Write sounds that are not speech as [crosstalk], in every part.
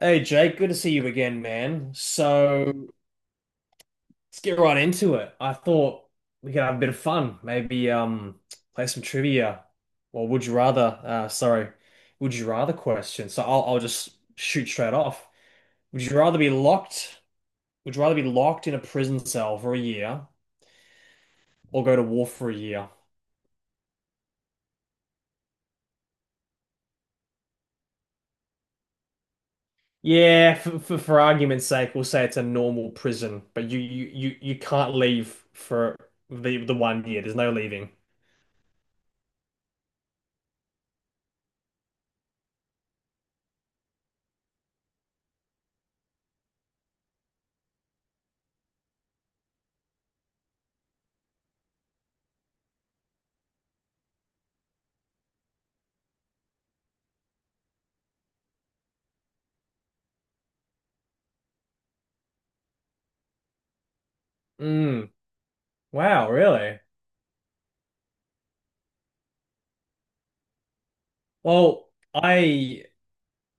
Hey Jake, good to see you again, man. So let's get right into it. I thought we could have a bit of fun, maybe play some trivia, or would you rather sorry, would you rather question. So I'll just shoot straight off. Would you rather be locked? Would you rather be locked in a prison cell for a year or go to war for a year? Yeah, for argument's sake, we'll say it's a normal prison, but you can't leave for the one year. There's no leaving. Mm. Wow, really? Well,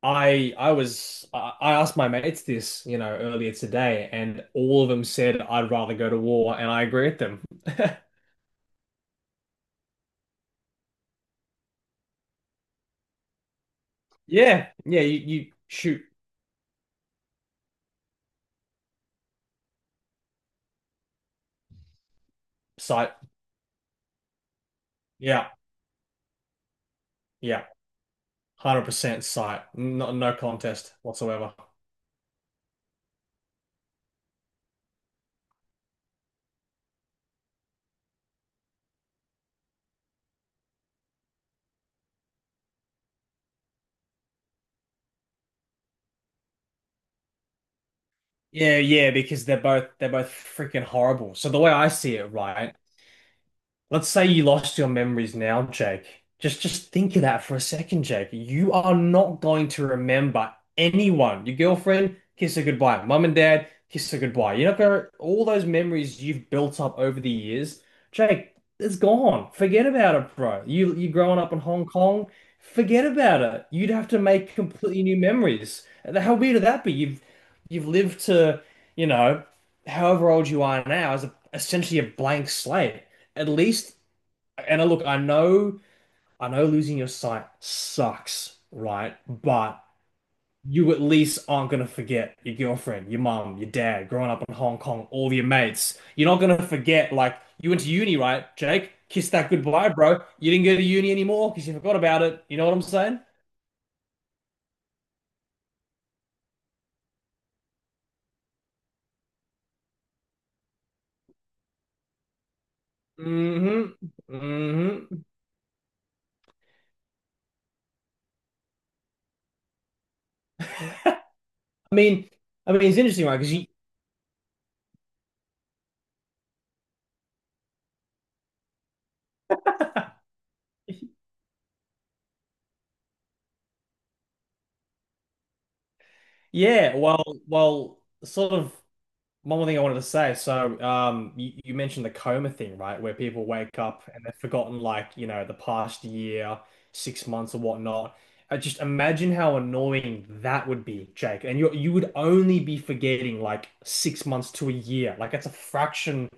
I was I asked my mates this, earlier today, and all of them said I'd rather go to war, and I agree with them. [laughs] Yeah, yeah, you shoot sight. Yeah, yeah, 100% sight. No, no contest whatsoever. Yeah, yeah, because they're both freaking horrible. So the way I see it, right, let's say you lost your memories now, Jake. Just think of that for a second, Jake. You are not going to remember anyone. Your girlfriend, kiss her goodbye. Mum and dad, kiss her goodbye. You're not gonna all those memories you've built up over the years, Jake, it's gone. Forget about it, bro. You growing up in Hong Kong, forget about it. You'd have to make completely new memories. How weird would that be? You've lived to, you know, however old you are now as a, essentially a blank slate at least, and look, I know losing your sight sucks, right? But you at least aren't gonna forget your girlfriend, your mom, your dad, growing up in Hong Kong, all your mates. You're not gonna forget, like, you went to uni, right, Jake? Kiss that goodbye, bro. You didn't go to uni anymore because you forgot about it. You know what I'm saying? Mm hmm, mm hmm. I mean, I mean, it's interesting, right? Because you, [laughs] yeah, well, sort of. One more thing I wanted to say. So, you mentioned the coma thing, right? Where people wake up and they've forgotten, like, the past year, 6 months or whatnot. I just imagine how annoying that would be, Jake. And you would only be forgetting like 6 months to a year. Like, that's a fraction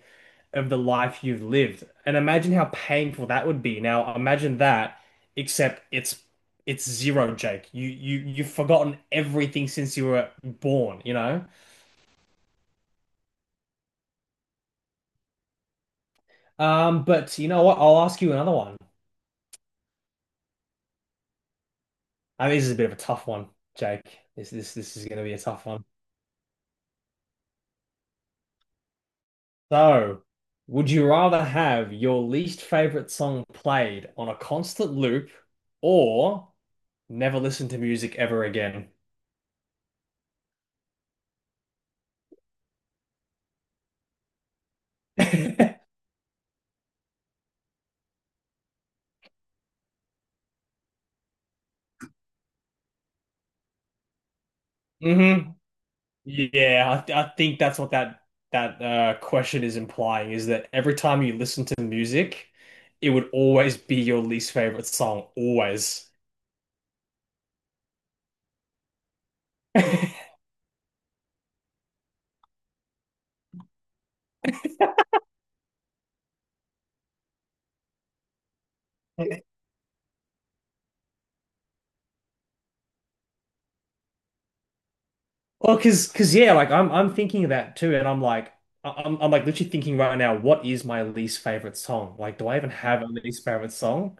of the life you've lived. And imagine how painful that would be. Now, imagine that, except it's zero, Jake. You've forgotten everything since you were born, you know? But you know what? I'll ask you another one. I mean, this is a bit of a tough one, Jake. This is going to be a tough one. So, would you rather have your least favorite song played on a constant loop, or never listen to music ever again? [laughs] Hmm. Yeah, I think that's what that question is implying is that every time you listen to music, it would always be your least favorite song, always. [laughs] Well, because yeah, like I'm thinking of that too, and I'm like I'm like literally thinking right now, what is my least favorite song? Like, do I even have a least favorite song?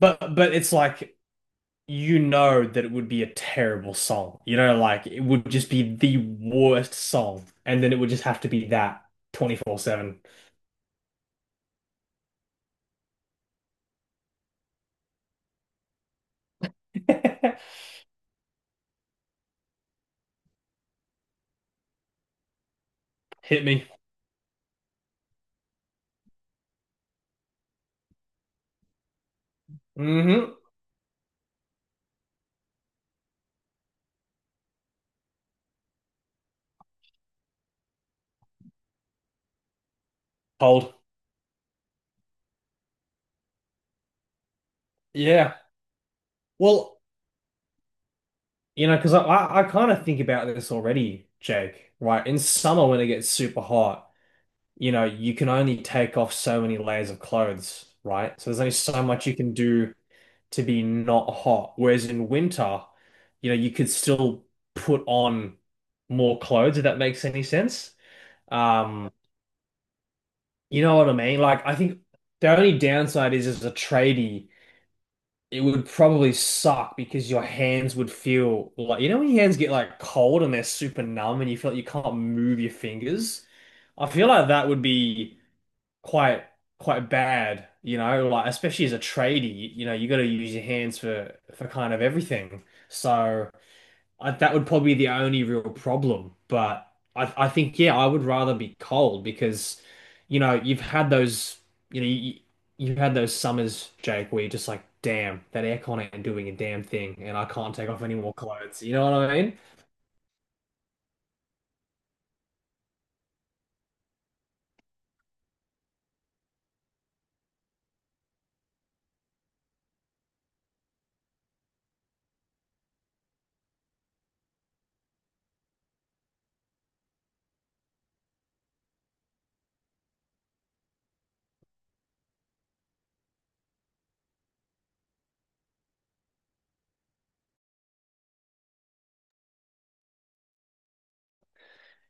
But it's like you know that it would be a terrible song. You know, like it would just be the worst song, and then it would just have to be that 24/7. [laughs] Hit me. Mm-hmm. Cold. Yeah. Well, you know, because I kind of think about this already, Jake. Right? In summer when it gets super hot. You know, you can only take off so many layers of clothes, right? So there's only so much you can do to be not hot. Whereas in winter, you know, you could still put on more clothes, if that makes any sense. Um, you know what I mean? Like, I think the only downside is as a tradie, it would probably suck because your hands would feel like, you know, when your hands get like cold and they're super numb and you feel like you can't move your fingers. I feel like that would be quite quite bad, you know, like especially as a tradie, you know, you got to use your hands for kind of everything. So I, that would probably be the only real problem. But I think yeah, I would rather be cold because, you know, you've had those, you know, you've had those summers, Jake, where you're just like, damn, that aircon ain't doing a damn thing, and I can't take off any more clothes. You know what I mean?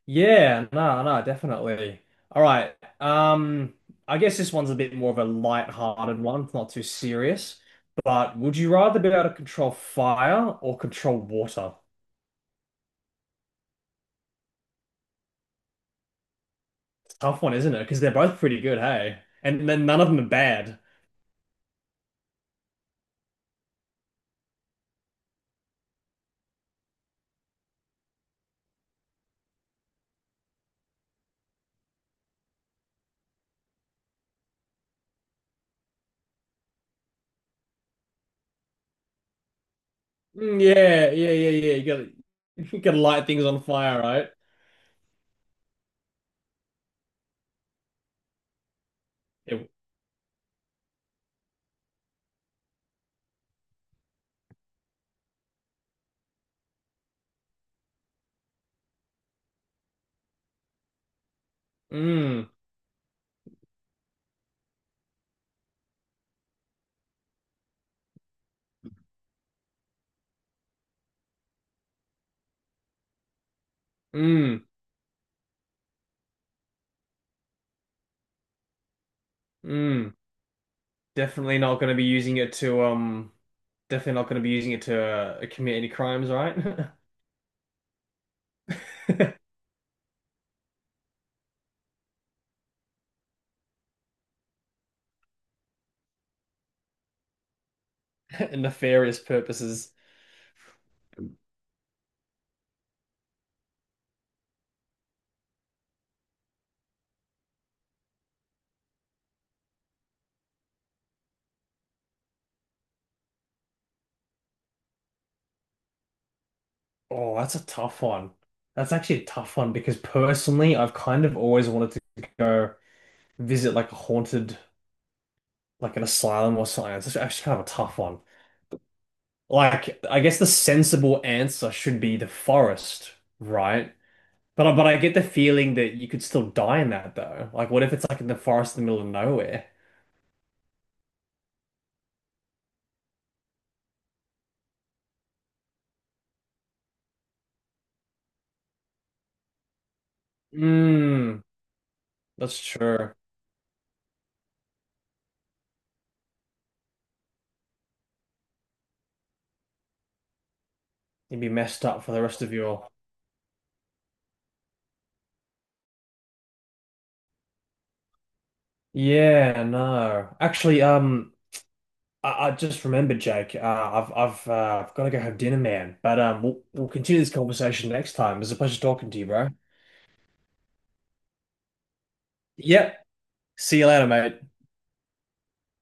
Yeah, no, no, definitely. All right. I guess this one's a bit more of a light-hearted one. It's not too serious. But would you rather be able to control fire or control water? Tough one, isn't it? Because they're both pretty good, hey? And then none of them are bad. Mm, yeah, yeah, yeah, yeah. You [laughs] you gotta light things on fire, right? It, mm, mm, mm. Definitely not gonna be using it to, definitely not gonna be using it to commit any crimes, right? [laughs] And nefarious purposes. Oh, that's a tough one. That's actually a tough one because personally, I've kind of always wanted to go visit like a haunted, like an asylum or something. It's actually kind of a tough one. Like, I guess the sensible answer should be the forest, right? But but I get the feeling that you could still die in that though. Like, what if it's like in the forest in the middle of nowhere? Mm, that's true. You'd be messed up for the rest of your. Yeah, no. Actually, I just remembered, Jake. I've I've got to go have dinner, man. But we'll continue this conversation next time. It was a pleasure talking to you, bro. Yep. See you later, mate.